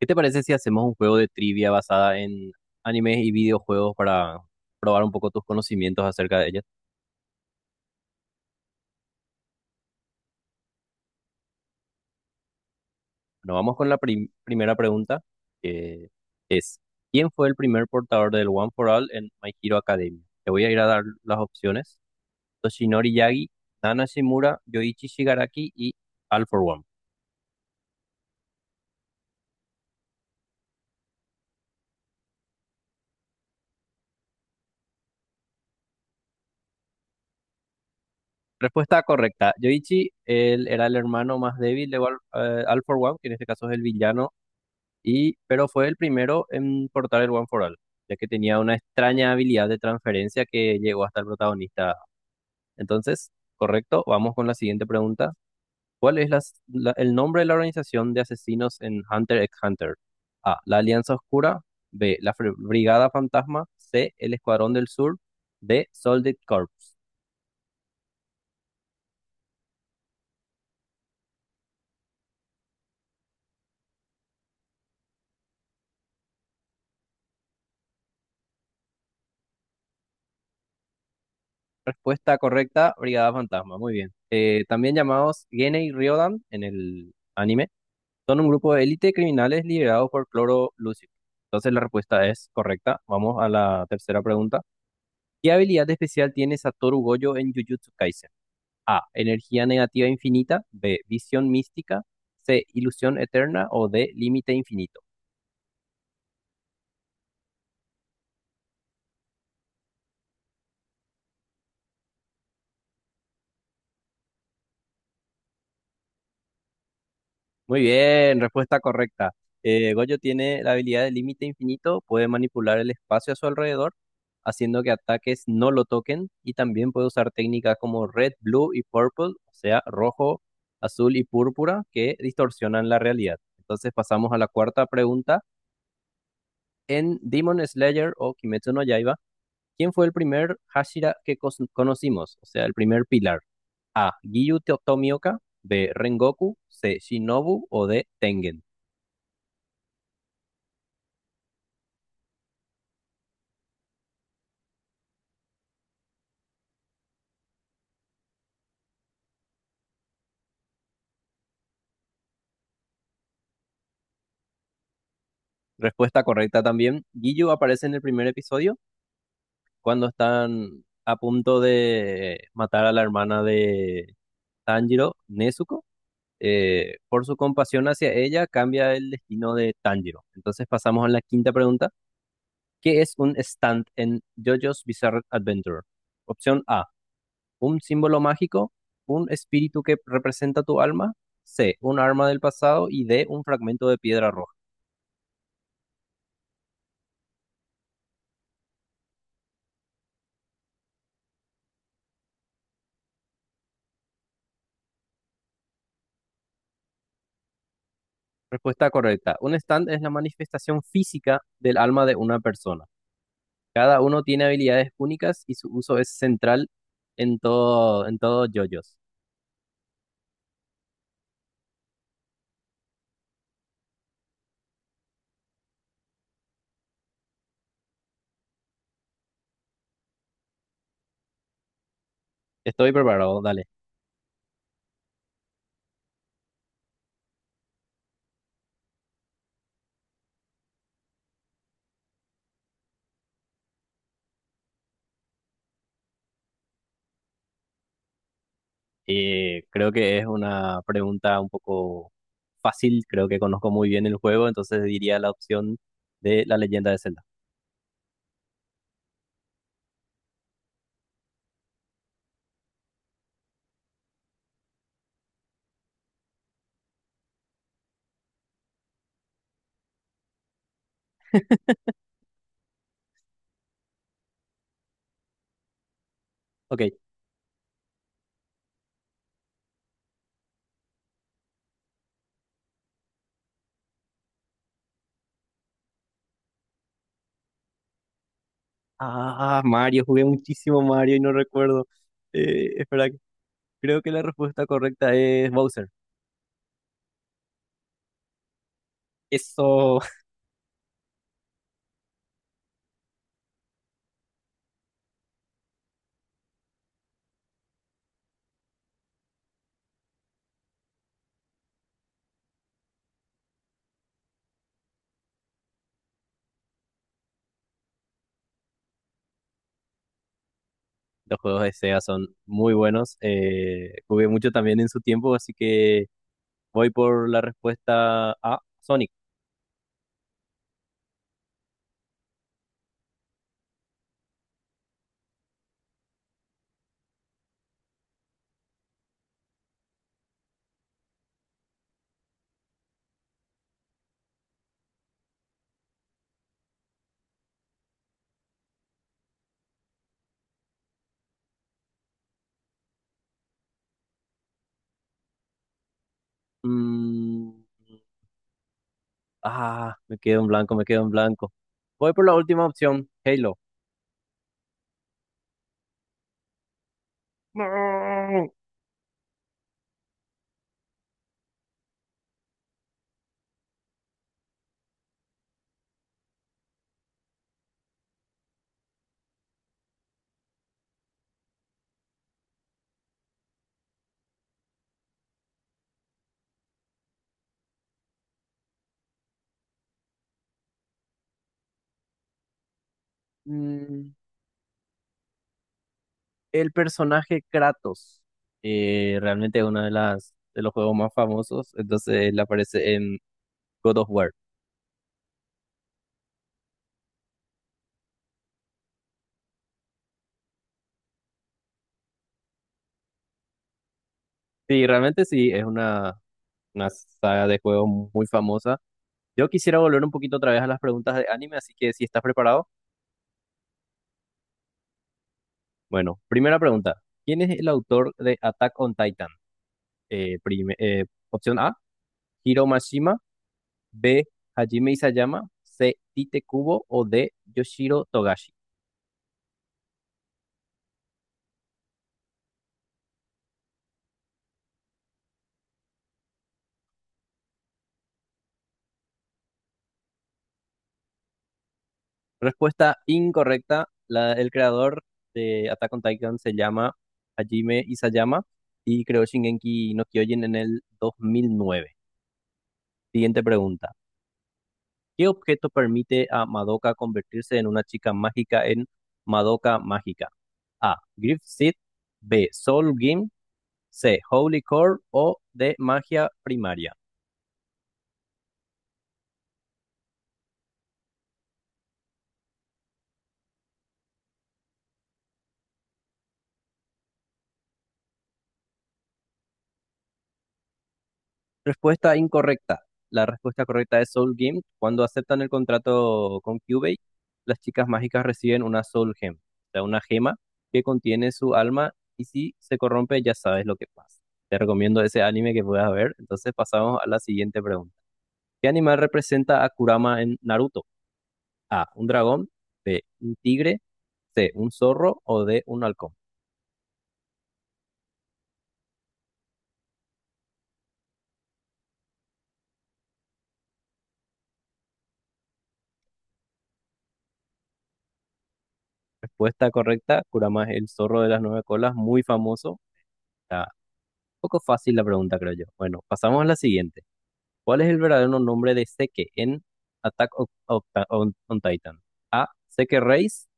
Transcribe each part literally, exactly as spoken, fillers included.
¿Qué te parece si hacemos un juego de trivia basada en animes y videojuegos para probar un poco tus conocimientos acerca de ellas? Bueno, vamos con la prim- primera pregunta, que es, ¿quién fue el primer portador del One for All en My Hero Academia? Te voy a ir a dar las opciones. Toshinori Yagi, Nana Shimura, Yoichi Shigaraki y All for One. Respuesta correcta. Yoichi, él era el hermano más débil de All, eh, All for One, que en este caso es el villano. Y pero fue el primero en portar el One for All, ya que tenía una extraña habilidad de transferencia que llegó hasta el protagonista. Entonces, correcto, vamos con la siguiente pregunta. ¿Cuál es las- la- el nombre de la organización de asesinos en Hunter x Hunter? A. La Alianza Oscura. B. La Fre- Brigada Fantasma. C. El Escuadrón del Sur. D. Solid Corps. Respuesta correcta, Brigada Fantasma. Muy bien. Eh, también llamados Genei Ryodan en el anime. Son un grupo de élite de criminales liderados por Cloro Lucio. Entonces la respuesta es correcta. Vamos a la tercera pregunta. ¿Qué habilidad especial tiene Satoru Gojo en Jujutsu Kaisen? A. Energía negativa infinita. B. Visión mística. C. Ilusión eterna. O D. Límite infinito. Muy bien, respuesta correcta. Eh, Goyo tiene la habilidad de límite infinito, puede manipular el espacio a su alrededor, haciendo que ataques no lo toquen, y también puede usar técnicas como red, blue y purple, o sea, rojo, azul y púrpura, que distorsionan la realidad. Entonces pasamos a la cuarta pregunta. En Demon Slayer o Kimetsu no Yaiba, ¿quién fue el primer Hashira que cos- conocimos? O sea, el primer pilar. A. Giyu To- Tomioka, B. Rengoku, C. Shinobu o D. Tengen. Respuesta correcta también. Giyu aparece en el primer episodio cuando están a punto de matar a la hermana de Tanjiro, Nezuko. Eh, por su compasión hacia ella, cambia el destino de Tanjiro. Entonces pasamos a la quinta pregunta. ¿Qué es un stand en JoJo's Bizarre Adventure? Opción A, un símbolo mágico, un espíritu que representa tu alma, C, un arma del pasado y D, un fragmento de piedra roja. Respuesta correcta. Un stand es la manifestación física del alma de una persona. Cada uno tiene habilidades únicas y su uso es central en todo, en todo JoJo's. Estoy preparado, dale. Eh, creo que es una pregunta un poco fácil, creo que conozco muy bien el juego, entonces diría la opción de la leyenda de Zelda. Ok. Ah, Mario, jugué muchísimo Mario y no recuerdo. Eh, espera, creo que la respuesta correcta es Bowser. Eso. Los juegos de Sega son muy buenos. Eh, jugué mucho también en su tiempo, así que voy por la respuesta A, Sonic. Mm, ah, me quedo en blanco, me quedo en blanco. Voy por la última opción, Halo. No. Mm, el personaje Kratos. Eh, realmente es uno de las de los juegos más famosos. Entonces él aparece en God of War. Sí, realmente sí, es una, una saga de juegos muy famosa. Yo quisiera volver un poquito otra vez a las preguntas de anime, así que si estás preparado, bueno, primera pregunta. ¿Quién es el autor de Attack on Titan? Eh, prime- eh, opción A, Hiro Mashima, B, Hajime Isayama, C, Tite Kubo o D, Yoshiro Togashi. Respuesta incorrecta. La- el creador de Attack on Titan se llama Hajime Isayama y creó Shingeki no Kyojin en el dos mil nueve. Siguiente pregunta. ¿Qué objeto permite a Madoka convertirse en una chica mágica en Madoka Mágica? A. Griff Seed. B. Soul Gem. C. Holy Core. O D. Magia Primaria. Respuesta incorrecta. La respuesta correcta es Soul Gem. Cuando aceptan el contrato con Kyubey, las chicas mágicas reciben una Soul Gem, o sea, una gema que contiene su alma y si se corrompe ya sabes lo que pasa. Te recomiendo ese anime que puedas ver. Entonces pasamos a la siguiente pregunta. ¿Qué animal representa a Kurama en Naruto? A. Un dragón. B. Un tigre. C. Un zorro. O D. Un halcón. Respuesta correcta. Kurama es el zorro de las nueve colas, muy famoso. Está un poco fácil la pregunta, creo yo. Bueno, pasamos a la siguiente. ¿Cuál es el verdadero nombre de Seke en Attack of- of- on, on Titan? A. Seke Reis.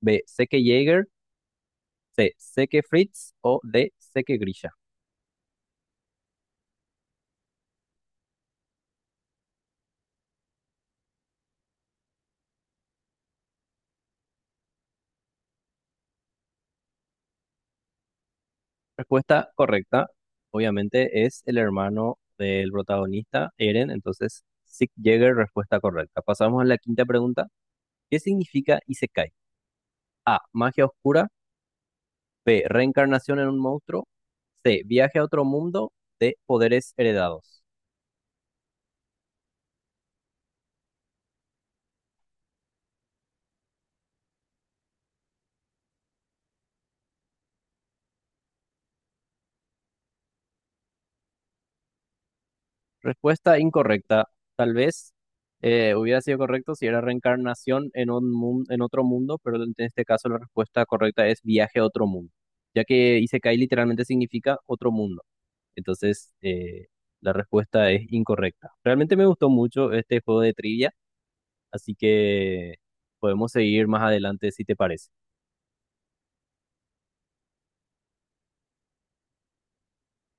B. Seke Jaeger. C. Seke Fritz. O D. Seke Grisha. Respuesta correcta, obviamente, es el hermano del protagonista, Eren. Entonces, Sieg Jäger, respuesta correcta. Pasamos a la quinta pregunta. ¿Qué significa Isekai? A. Magia oscura. B. Reencarnación en un monstruo. C. Viaje a otro mundo. D. Poderes heredados. Respuesta incorrecta. Tal vez eh, hubiera sido correcto si era reencarnación en un mun- en otro mundo, pero en este caso la respuesta correcta es viaje a otro mundo, ya que Isekai literalmente significa otro mundo. Entonces, eh, la respuesta es incorrecta. Realmente me gustó mucho este juego de trivia, así que podemos seguir más adelante si te parece.